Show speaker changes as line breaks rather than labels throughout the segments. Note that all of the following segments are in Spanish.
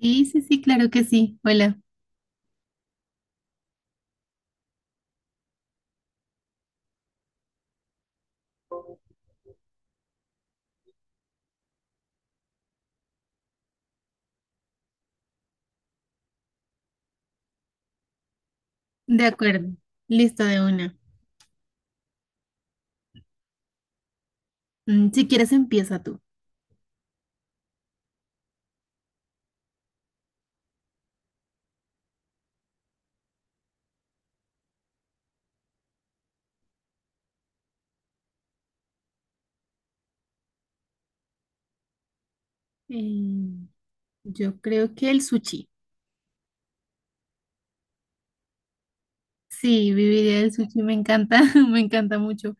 Sí, sí, sí, claro que sí. Hola. De acuerdo. Listo de una. Si quieres, empieza tú. Eh, yo creo que el sushi. Sí, viviría el sushi, me encanta, me encanta mucho.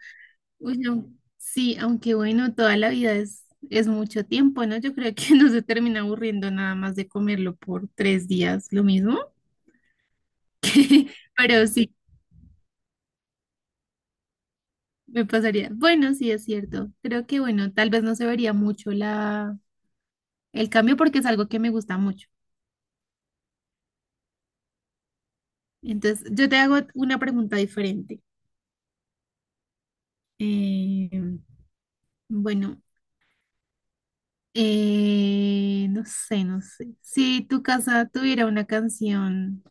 Uy, no. Sí, aunque bueno, toda la vida es mucho tiempo, ¿no? Yo creo que no se termina aburriendo nada más de comerlo por 3 días, lo mismo. Pero sí, me pasaría. Bueno, sí, es cierto. Creo que bueno, tal vez no se vería mucho el cambio porque es algo que me gusta mucho. Entonces, yo te hago una pregunta diferente. Eh, bueno, no sé, no sé. Si tu casa tuviera una canción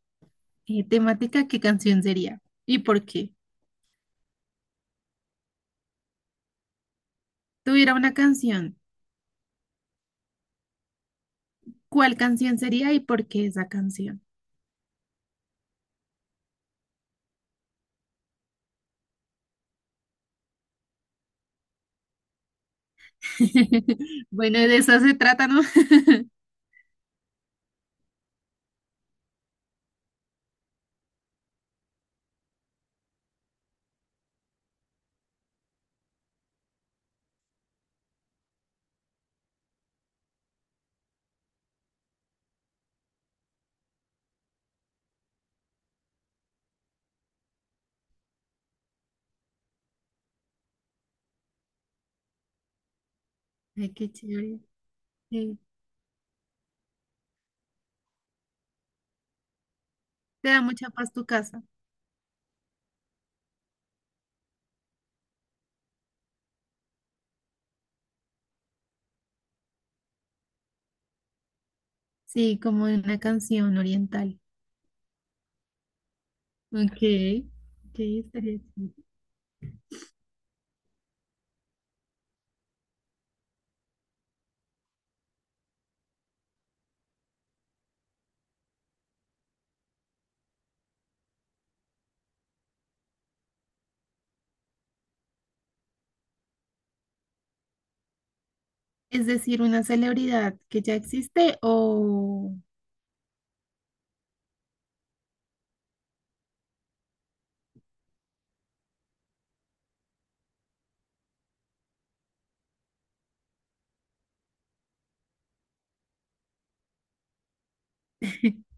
temática, ¿qué canción sería? ¿Y por qué? Tuviera una canción, ¿cuál canción sería y por qué esa canción? Bueno, de eso se trata, ¿no? Ay, qué chévere. Sí, te da mucha paz tu casa. Sí, como una canción oriental. Ok, ok, estaría chévere. Es decir, una celebridad que ya existe o...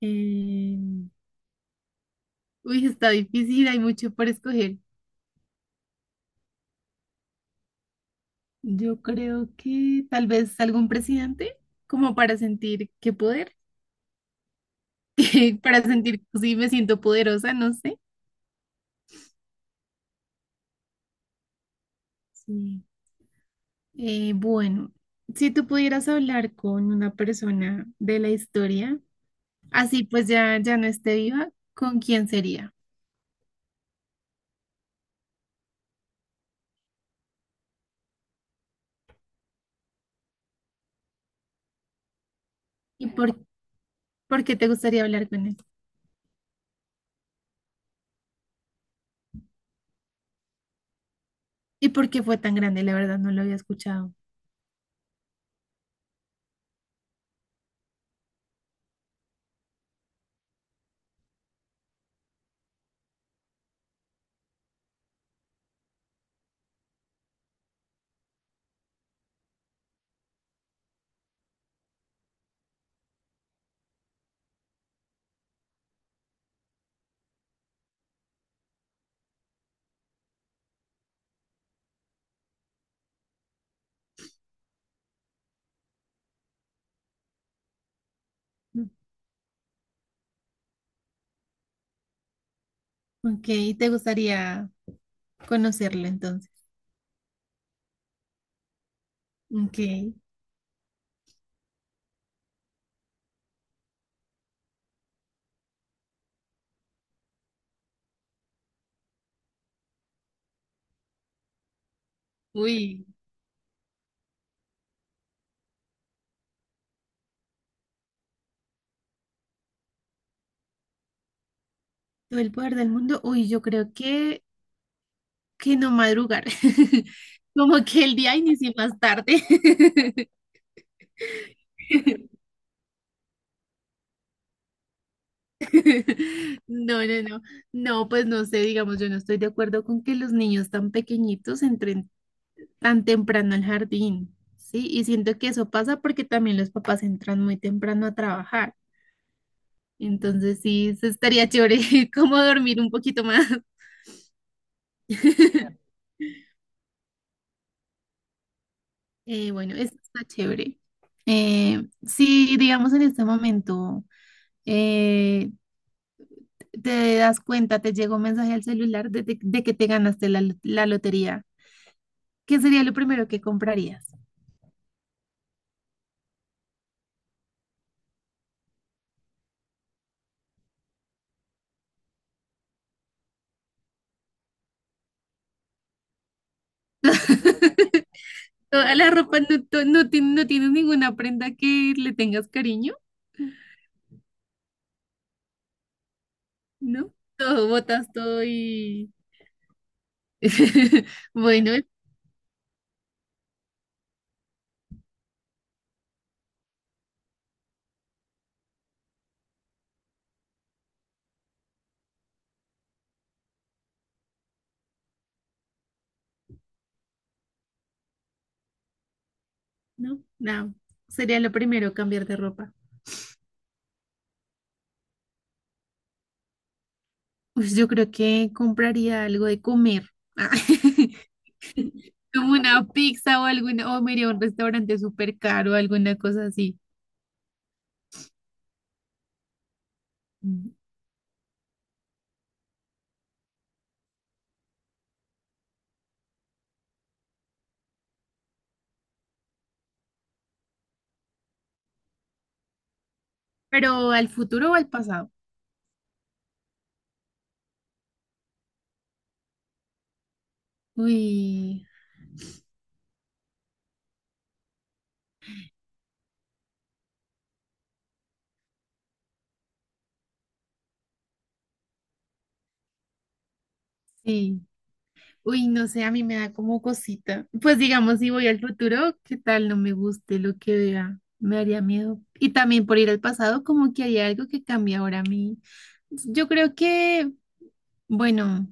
eh, Uy, está difícil, hay mucho por escoger. Yo creo que tal vez algún presidente, como para sentir qué poder, que para sentir si me siento poderosa, no sé. Sí. Bueno, si tú pudieras hablar con una persona de la historia, así pues ya no esté viva, ¿con quién sería? ¿Y por qué te gustaría hablar con él? ¿Y por qué fue tan grande? La verdad no lo había escuchado. Mm. Ok, te gustaría conocerlo entonces. Ok, uy, el poder del mundo. Uy, yo creo que no madrugar. Como que el día inicie más tarde. No, no, no. No, pues no sé, digamos, yo no estoy de acuerdo con que los niños tan pequeñitos entren tan temprano al jardín, ¿sí? Y siento que eso pasa porque también los papás entran muy temprano a trabajar. Entonces sí, eso estaría chévere, como dormir un poquito más. Bueno, eso está chévere. Si digamos en este momento eh, te das cuenta, te llegó un mensaje al celular de que te ganaste la lotería, ¿qué sería lo primero que comprarías? Toda la ropa, no, no no tienes ninguna prenda que le tengas cariño. ¿No? Todo, botas todo y... Bueno, no, no. Sería lo primero cambiar de ropa. Pues yo creo que compraría algo de comer. Como una pizza o alguna, o me iría a un restaurante súper caro, alguna cosa así. Mm. Pero al futuro o al pasado. Uy, sí. Uy, no sé, a mí me da como cosita. Pues digamos, si voy al futuro, ¿qué tal no me guste lo que vea? Me haría miedo. Y también por ir al pasado, como que haría algo que cambie ahora a mí. Yo creo que, bueno,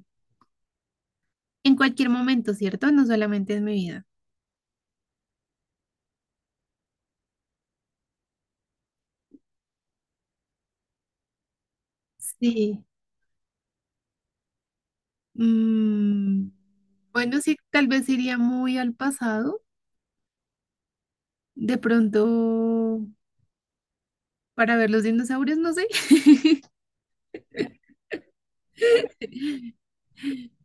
en cualquier momento, ¿cierto? No solamente en mi vida. Sí. Mm, bueno, sí, tal vez iría muy al pasado. De pronto, para ver los dinosaurios, no sé.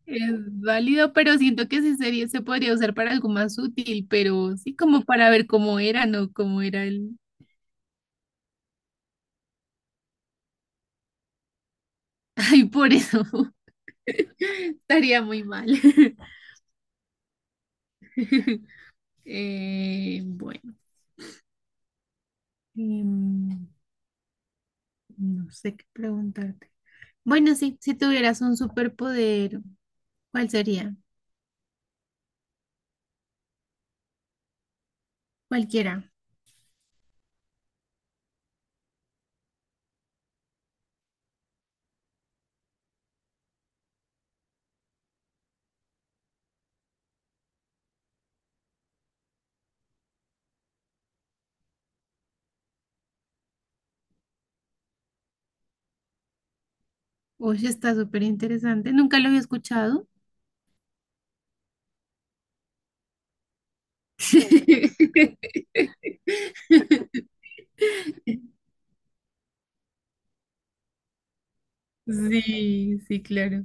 Es válido, pero siento que ese sería, se podría usar para algo más útil, pero sí como para ver cómo era, ¿no? Cómo era el... Ay, por eso estaría muy mal. Bueno, em, no sé qué preguntarte. Bueno, sí, si tuvieras un superpoder, ¿cuál sería? Cualquiera. Oye, está súper interesante. Nunca lo había escuchado. Sí, sí, claro.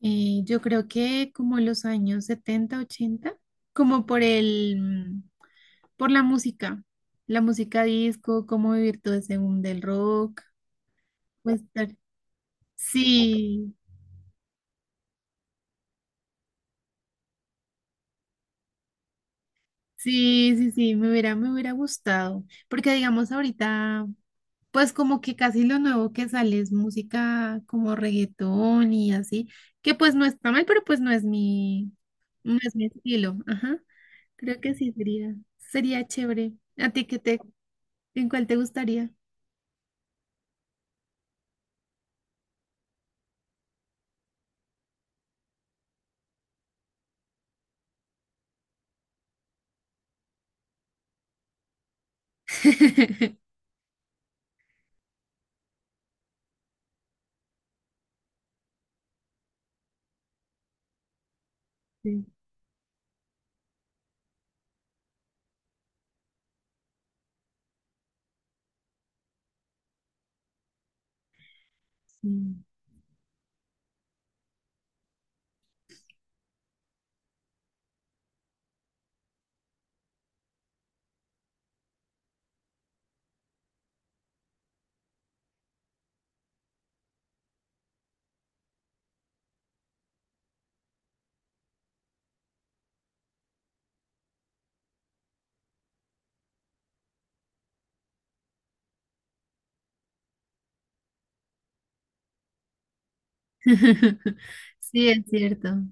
Yo creo que como los años 70 80 como por la música, disco, cómo vivir todo ese boom del rock, pues estar- sí, sí, sí, sí, me hubiera gustado, porque digamos ahorita, pues como que casi lo nuevo que sale es música como reggaetón y así, que pues no está mal, pero pues no es mi estilo, ajá. Creo que sí sería chévere. ¿A ti qué te, ¿En cuál te gustaría? Sí, sí. Sí, es cierto.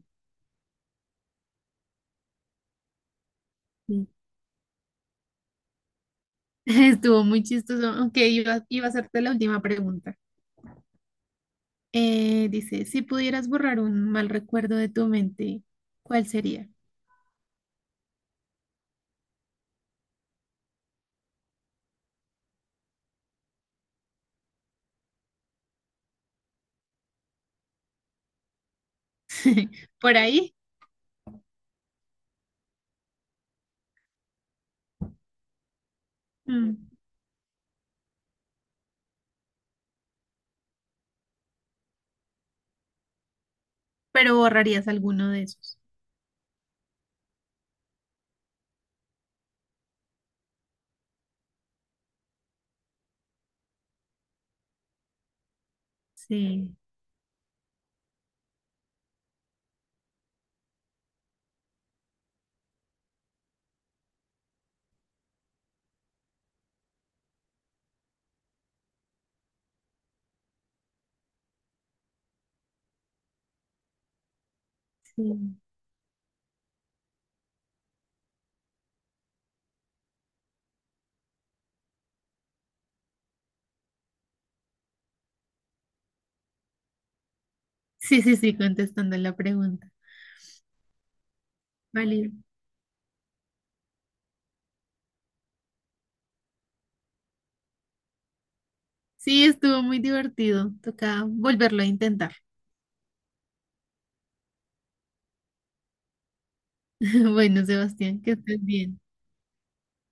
Sí. Estuvo muy chistoso. Aunque iba a hacerte la última pregunta. Dice, si pudieras borrar un mal recuerdo de tu mente, ¿cuál sería? ¿Por ahí? Mm. Pero borrarías alguno de esos. Sí, sí. Sí, sí, sí, contestando la pregunta. Válido. Sí, estuvo muy divertido. Toca volverlo a intentar. Bueno, Sebastián, que estés bien.